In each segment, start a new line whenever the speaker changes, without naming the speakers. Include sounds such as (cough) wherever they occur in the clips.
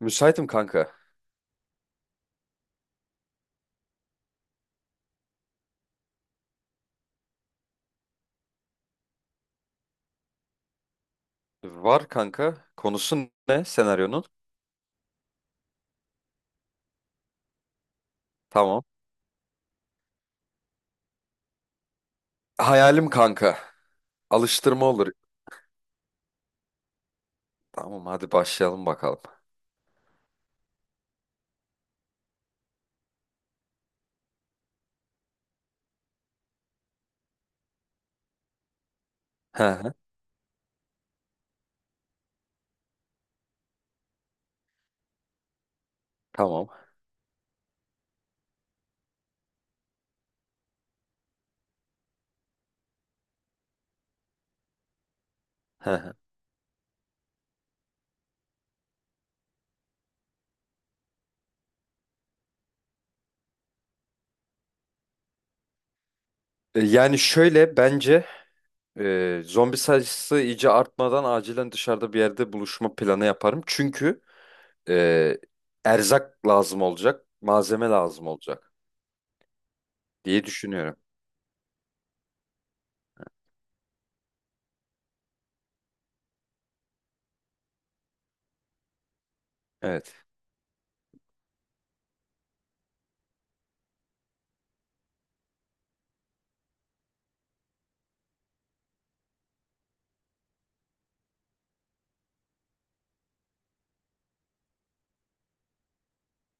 Müsaitim kanka. Var kanka. Konusu ne senaryonun? Tamam. Hayalim kanka. Alıştırma olur. Tamam hadi başlayalım bakalım. Hı hı. Tamam. Hı hı. Yani şöyle bence zombi sayısı iyice artmadan acilen dışarıda bir yerde buluşma planı yaparım. Çünkü e, erzak lazım olacak, malzeme lazım olacak diye düşünüyorum. Evet.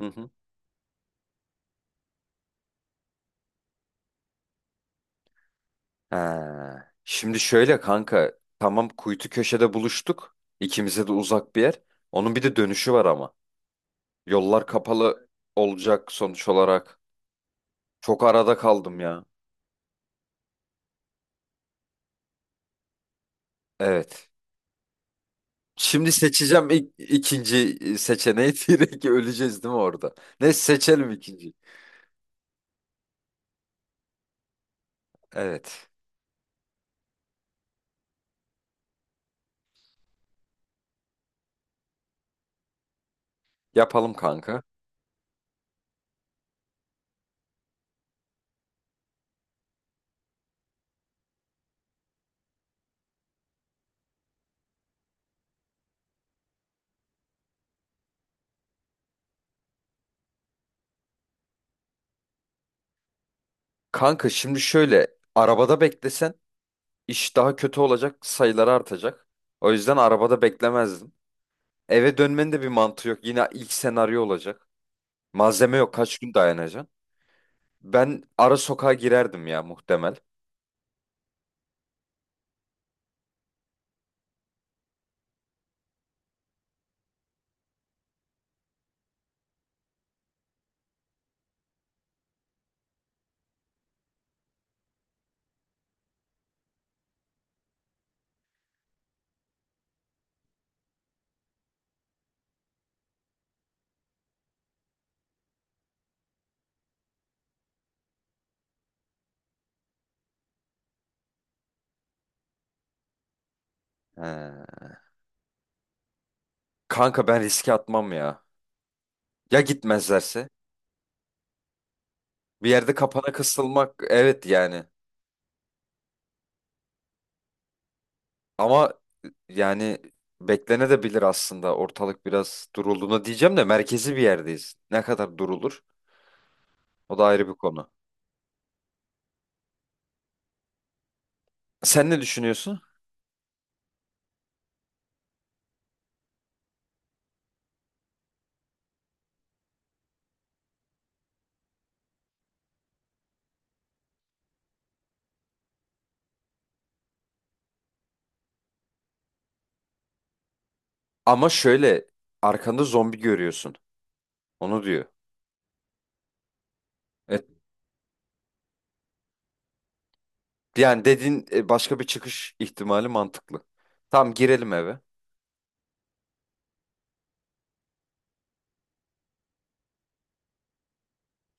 Hı hı. Ha. Şimdi şöyle kanka, tamam, kuytu köşede buluştuk. İkimize de uzak bir yer. Onun bir de dönüşü var ama. Yollar kapalı olacak sonuç olarak. Çok arada kaldım ya. Evet. Şimdi seçeceğim ilk, ikinci seçeneği (laughs) direkt öleceğiz değil mi orada? Ne seçelim ikinci. Evet. Yapalım kanka. Kanka şimdi şöyle, arabada beklesen iş daha kötü olacak, sayıları artacak. O yüzden arabada beklemezdim. Eve dönmenin de bir mantığı yok. Yine ilk senaryo olacak. Malzeme yok. Kaç gün dayanacaksın? Ben ara sokağa girerdim ya muhtemel. He. Kanka ben riske atmam ya. Ya gitmezlerse? Bir yerde kapana kısılmak, evet yani. Ama yani beklene de bilir aslında, ortalık biraz durulduğuna diyeceğim de merkezi bir yerdeyiz. Ne kadar durulur? O da ayrı bir konu. Sen ne düşünüyorsun? Ama şöyle, arkanda zombi görüyorsun. Onu diyor. E Yani dediğin, başka bir çıkış ihtimali mantıklı. Tamam girelim eve.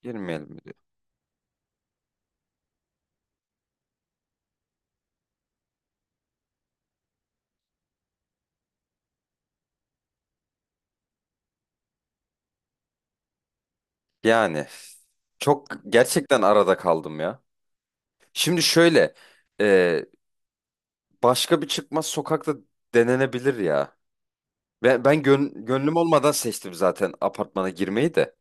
Girmeyelim mi diyor. Yani çok gerçekten arada kaldım ya. Şimdi şöyle, e, başka bir çıkmaz sokakta denenebilir ya. Ben gönlüm olmadan seçtim zaten apartmana girmeyi de.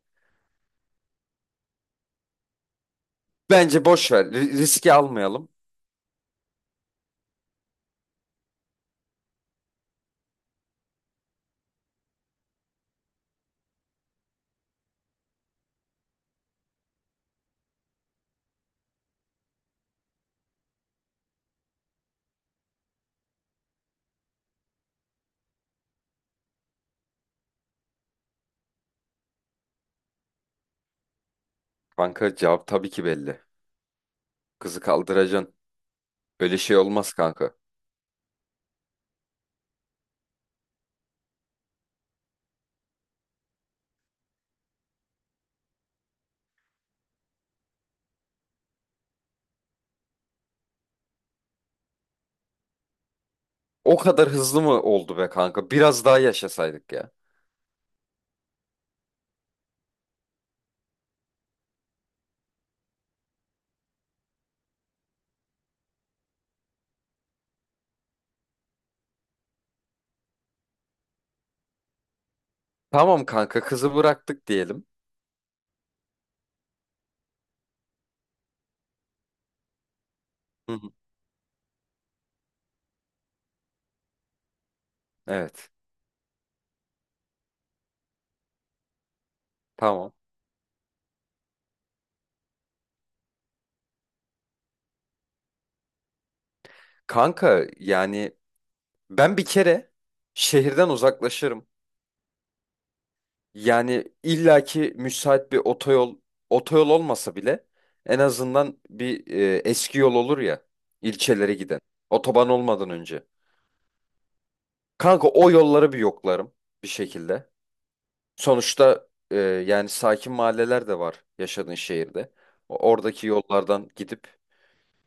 Bence boş ver, riski almayalım. Kanka cevap tabii ki belli. Kızı kaldıracaksın. Öyle şey olmaz kanka. O kadar hızlı mı oldu be kanka? Biraz daha yaşasaydık ya. Tamam kanka, kızı bıraktık diyelim. Hı hı. Evet. Tamam. Kanka yani ben bir kere şehirden uzaklaşırım. Yani illaki müsait bir otoyol, otoyol olmasa bile en azından bir eski yol olur ya, ilçelere giden. Otoban olmadan önce. Kanka o yolları bir yoklarım bir şekilde. Sonuçta yani sakin mahalleler de var yaşadığın şehirde. Oradaki yollardan gidip,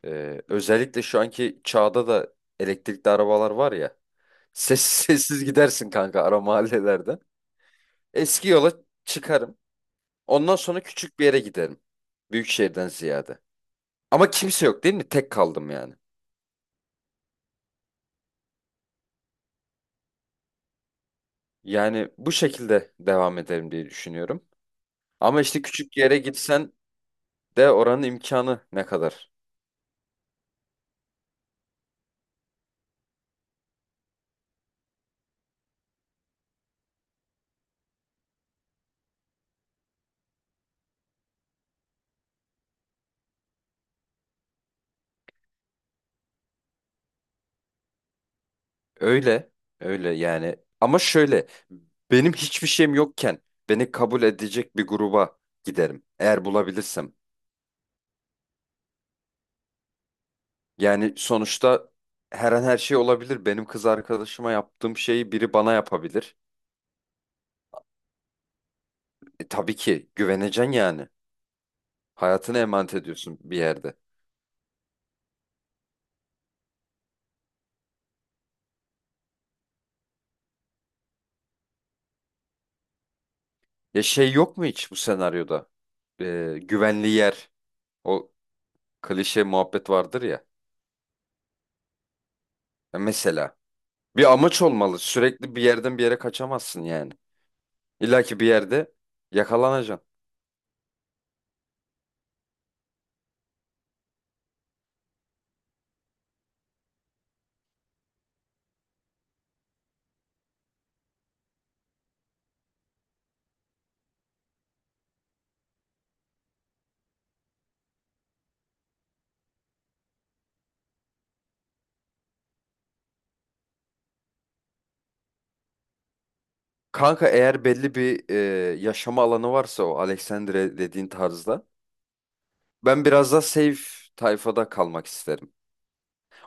özellikle şu anki çağda da elektrikli arabalar var ya. Sessiz (laughs) sessiz gidersin kanka ara mahallelerden. Eski yola çıkarım. Ondan sonra küçük bir yere giderim. Büyük şehirden ziyade. Ama kimse yok değil mi? Tek kaldım yani. Yani bu şekilde devam ederim diye düşünüyorum. Ama işte küçük yere gitsen de oranın imkanı ne kadar? Öyle, öyle yani. Ama şöyle, benim hiçbir şeyim yokken beni kabul edecek bir gruba giderim. Eğer bulabilirsem. Yani sonuçta her an her şey olabilir. Benim kız arkadaşıma yaptığım şeyi biri bana yapabilir. E, tabii ki güveneceksin yani. Hayatını emanet ediyorsun bir yerde. Ya şey yok mu hiç bu senaryoda? E, güvenli yer. O klişe muhabbet vardır ya. Ya mesela bir amaç olmalı. Sürekli bir yerden bir yere kaçamazsın yani. İlla ki bir yerde yakalanacaksın. Kanka eğer belli bir yaşama alanı varsa, o Alexandre dediğin tarzda, ben biraz daha safe tayfada kalmak isterim.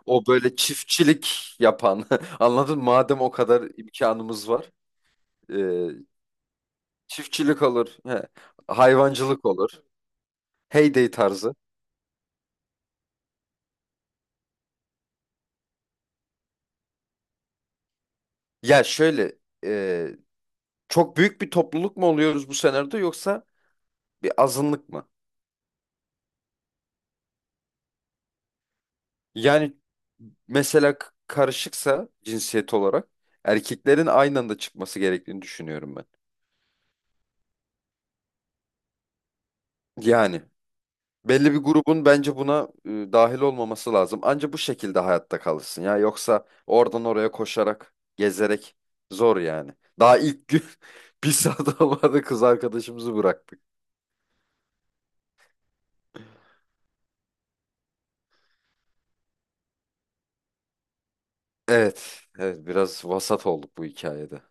O böyle çiftçilik yapan, (laughs) anladın mı? Madem o kadar imkanımız var, e, çiftçilik olur, he, hayvancılık olur, heyday tarzı. Ya şöyle, e, çok büyük bir topluluk mu oluyoruz bu senaryoda, yoksa bir azınlık mı? Yani mesela karışıksa cinsiyet olarak, erkeklerin aynı anda çıkması gerektiğini düşünüyorum ben. Yani. Belli bir grubun bence buna dahil olmaması lazım. Anca bu şekilde hayatta kalırsın ya. Yoksa oradan oraya koşarak, gezerek zor yani. Daha ilk gün (laughs) bir saat olmadı kız arkadaşımızı bıraktık. Evet, evet biraz vasat olduk bu hikayede.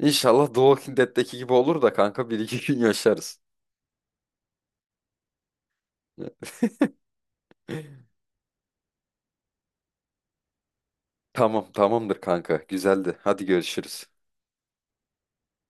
İnşallah The Walking Dead'deki gibi olur da kanka bir iki gün yaşarız. (laughs) Tamam, tamamdır kanka. Güzeldi. Hadi görüşürüz.